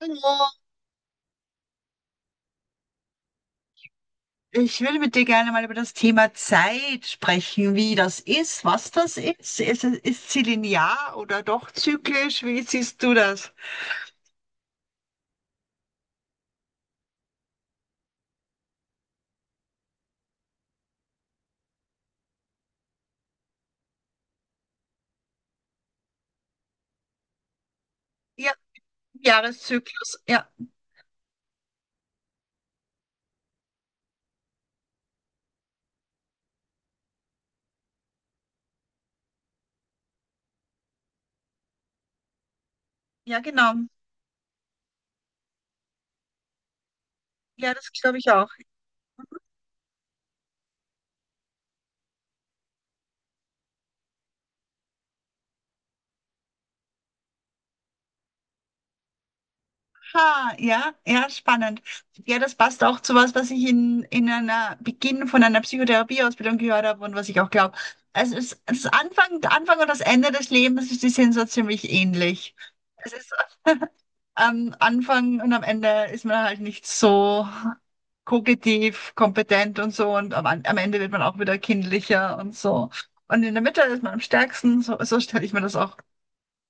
Hallo, ich würde mit dir gerne mal über das Thema Zeit sprechen, wie das ist, was das ist. Ist sie linear oder doch zyklisch? Wie siehst du das? Ja, Jahreszyklus, ja, ja, genau. Ja, das glaube ich auch. Ha, ja, ja, spannend. Ja, das passt auch zu was, was ich in einer Beginn von einer Psychotherapieausbildung gehört habe und was ich auch glaube. Also der Anfang und das Ende des Lebens, die sind so ziemlich ähnlich. Es ist am Anfang und am Ende ist man halt nicht so kognitiv kompetent und so und am Ende wird man auch wieder kindlicher und so. Und in der Mitte ist man am stärksten, so, so stelle ich mir das auch,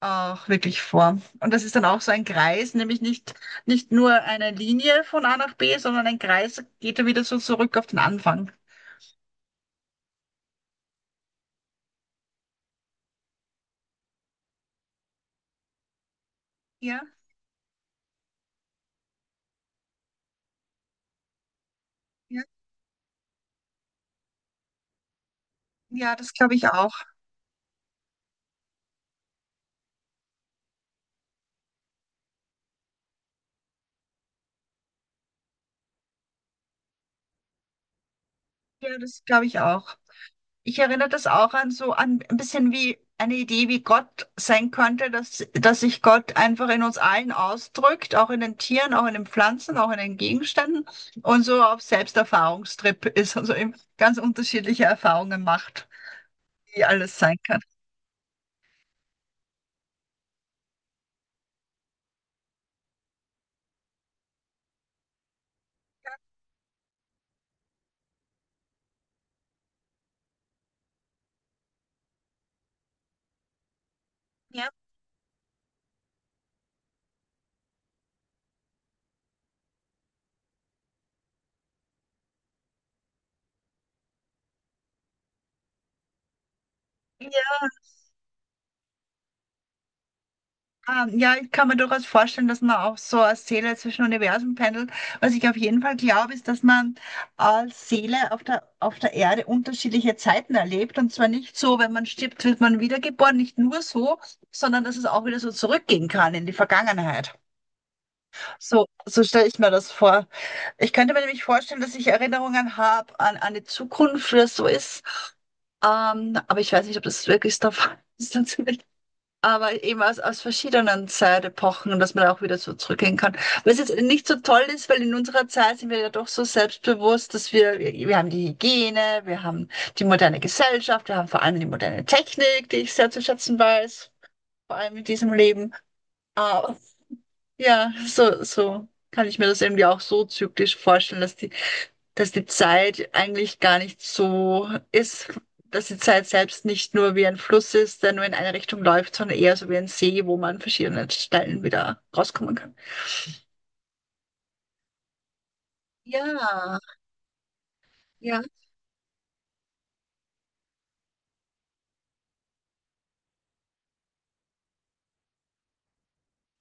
auch wirklich vor. Und das ist dann auch so ein Kreis, nämlich nicht nur eine Linie von A nach B, sondern ein Kreis geht ja wieder so zurück auf den Anfang. Ja, ja, ja, das glaube ich auch. Ja, das glaube ich auch. Ich erinnere das auch an so an ein bisschen wie eine Idee, wie Gott sein könnte, dass sich Gott einfach in uns allen ausdrückt, auch in den Tieren, auch in den Pflanzen, auch in den Gegenständen und so auf Selbsterfahrungstrip ist, also eben ganz unterschiedliche Erfahrungen macht, wie alles sein kann. Ja. Ja. Ah, ja, ich kann mir durchaus vorstellen, dass man auch so als Seele zwischen Universen pendelt. Was ich auf jeden Fall glaube, ist, dass man als Seele auf der Erde unterschiedliche Zeiten erlebt. Und zwar nicht so, wenn man stirbt, wird man wiedergeboren, nicht nur so, sondern dass es auch wieder so zurückgehen kann in die Vergangenheit. So, so stelle ich mir das vor. Ich könnte mir nämlich vorstellen, dass ich Erinnerungen habe an eine Zukunft, wie das so ist. Aber ich weiß nicht, ob das wirklich der Fall ist. Aber eben aus verschiedenen Zeitepochen, dass man auch wieder so zurückgehen kann. Was jetzt nicht so toll ist, weil in unserer Zeit sind wir ja doch so selbstbewusst, dass wir haben die Hygiene, wir haben die moderne Gesellschaft, wir haben vor allem die moderne Technik, die ich sehr zu schätzen weiß, vor allem in diesem Leben. Ah, ja, so kann ich mir das irgendwie auch so zyklisch vorstellen, dass die Zeit eigentlich gar nicht so ist, dass die Zeit selbst nicht nur wie ein Fluss ist, der nur in eine Richtung läuft, sondern eher so wie ein See, wo man an verschiedenen Stellen wieder rauskommen kann. Ja, ja,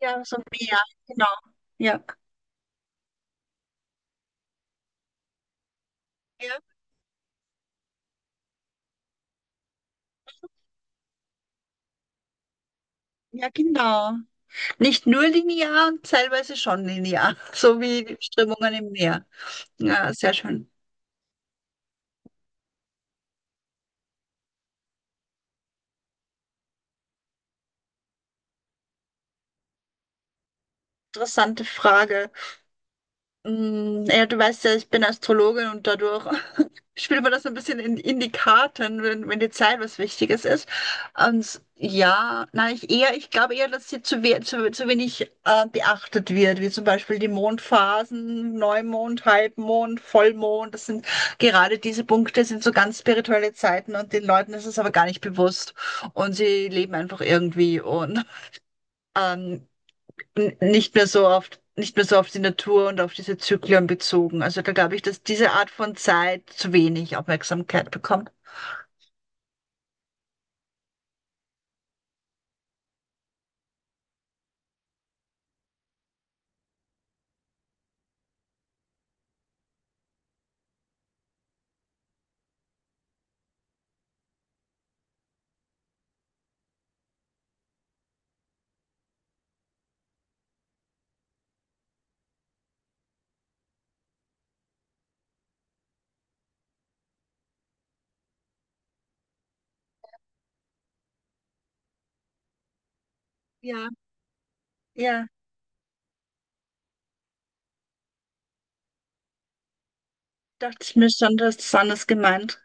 ja, so mehr, genau. Ja, ja, ja, genau. Nicht nur linear und teilweise schon linear, so wie Strömungen im Meer. Ja, sehr schön. Interessante Frage. Mm, ja, du weißt ja, ich bin Astrologin und dadurch spielt man das so ein bisschen in die Karten, wenn, wenn die Zeit was Wichtiges ist. Und ja, nein, ich glaube eher, dass sie zu wenig beachtet wird, wie zum Beispiel die Mondphasen, Neumond, Halbmond, Vollmond. Das sind gerade diese Punkte, sind so ganz spirituelle Zeiten und den Leuten ist es aber gar nicht bewusst und sie leben einfach irgendwie und ähm, nicht mehr so oft, nicht mehr so auf die Natur und auf diese Zyklen bezogen. Also da glaube ich, dass diese Art von Zeit zu wenig Aufmerksamkeit bekommt. Ja, ja, dachte ich mir schon, du hast es anders gemeint.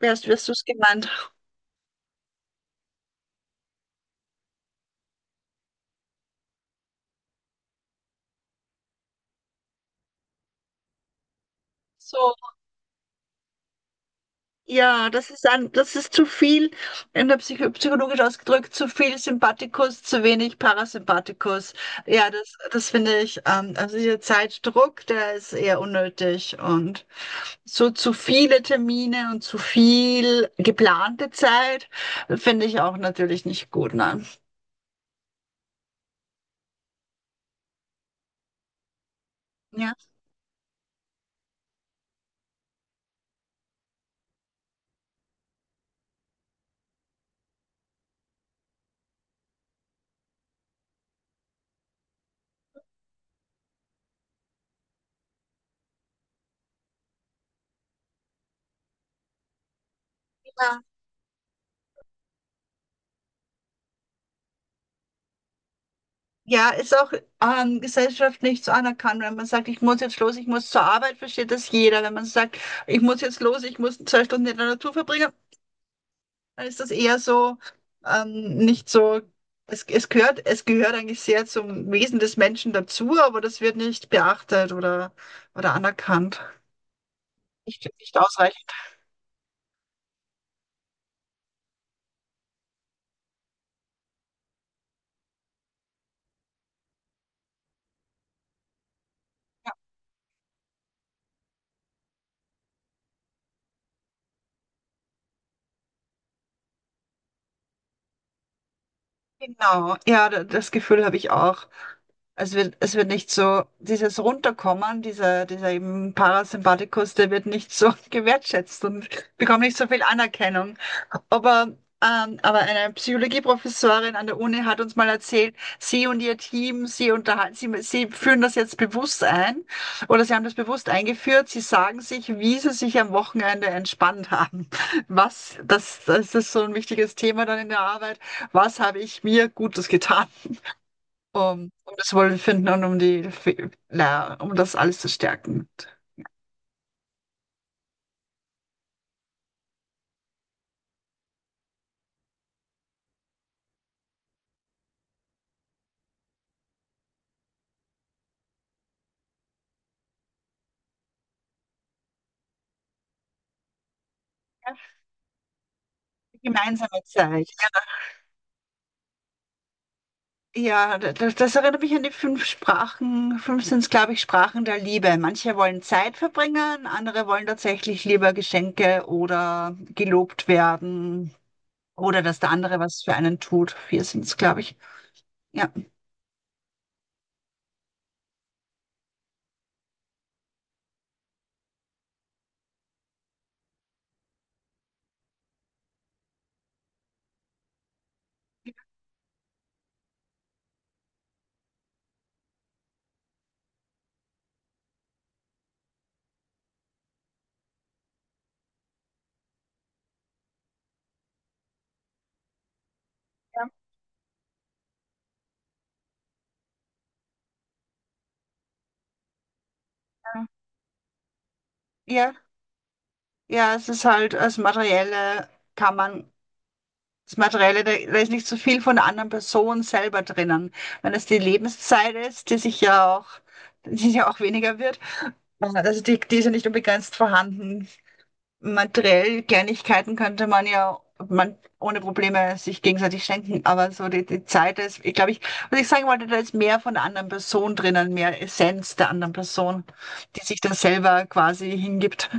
Wirst du es gemeint? So. Ja, das ist das ist zu viel, in der psychologisch ausgedrückt, zu viel Sympathikus, zu wenig Parasympathikus. Ja, das finde ich, also dieser Zeitdruck, der ist eher unnötig und so zu viele Termine und zu viel geplante Zeit finde ich auch natürlich nicht gut, ne? Ja, ja. Ja, ist auch gesellschaftlich so anerkannt, wenn man sagt, ich muss jetzt los, ich muss zur Arbeit, versteht das jeder. Wenn man sagt, ich muss jetzt los, ich muss 2 Stunden in der Natur verbringen. Dann ist das eher so, nicht so, es gehört eigentlich sehr zum Wesen des Menschen dazu, aber das wird nicht beachtet oder anerkannt. Nicht ausreichend. Genau, ja, das Gefühl habe ich auch. Es wird nicht so, dieses Runterkommen, dieser eben Parasympathikus, der wird nicht so gewertschätzt und bekommt nicht so viel Anerkennung. Aber, aber eine Psychologieprofessorin an der Uni hat uns mal erzählt, sie und ihr Team, sie führen das jetzt bewusst ein oder sie haben das bewusst eingeführt. Sie sagen sich, wie sie sich am Wochenende entspannt haben. Das ist so ein wichtiges Thema dann in der Arbeit. Was habe ich mir Gutes getan, um das Wohlbefinden und um das alles zu stärken? Gemeinsame Zeit. Ja, das erinnert mich an die fünf Sprachen. Fünf sind es, glaube ich, Sprachen der Liebe. Manche wollen Zeit verbringen, andere wollen tatsächlich lieber Geschenke oder gelobt werden oder dass der andere was für einen tut. Vier sind es, glaube ich. Ja. Ja, ja, ja, es ist halt das Materielle, kann man, das Materielle, da ist nicht so viel von der anderen Person selber drinnen. Wenn es die Lebenszeit ist, die ja auch weniger wird, also die ist ja nicht unbegrenzt vorhanden. Materiell Kleinigkeiten könnte man ja man ohne Probleme sich gegenseitig schenken, aber so die Zeit ist, ich glaube, was ich sagen wollte, da ist mehr von der anderen Person drinnen, mehr Essenz der anderen Person, die sich dann selber quasi hingibt.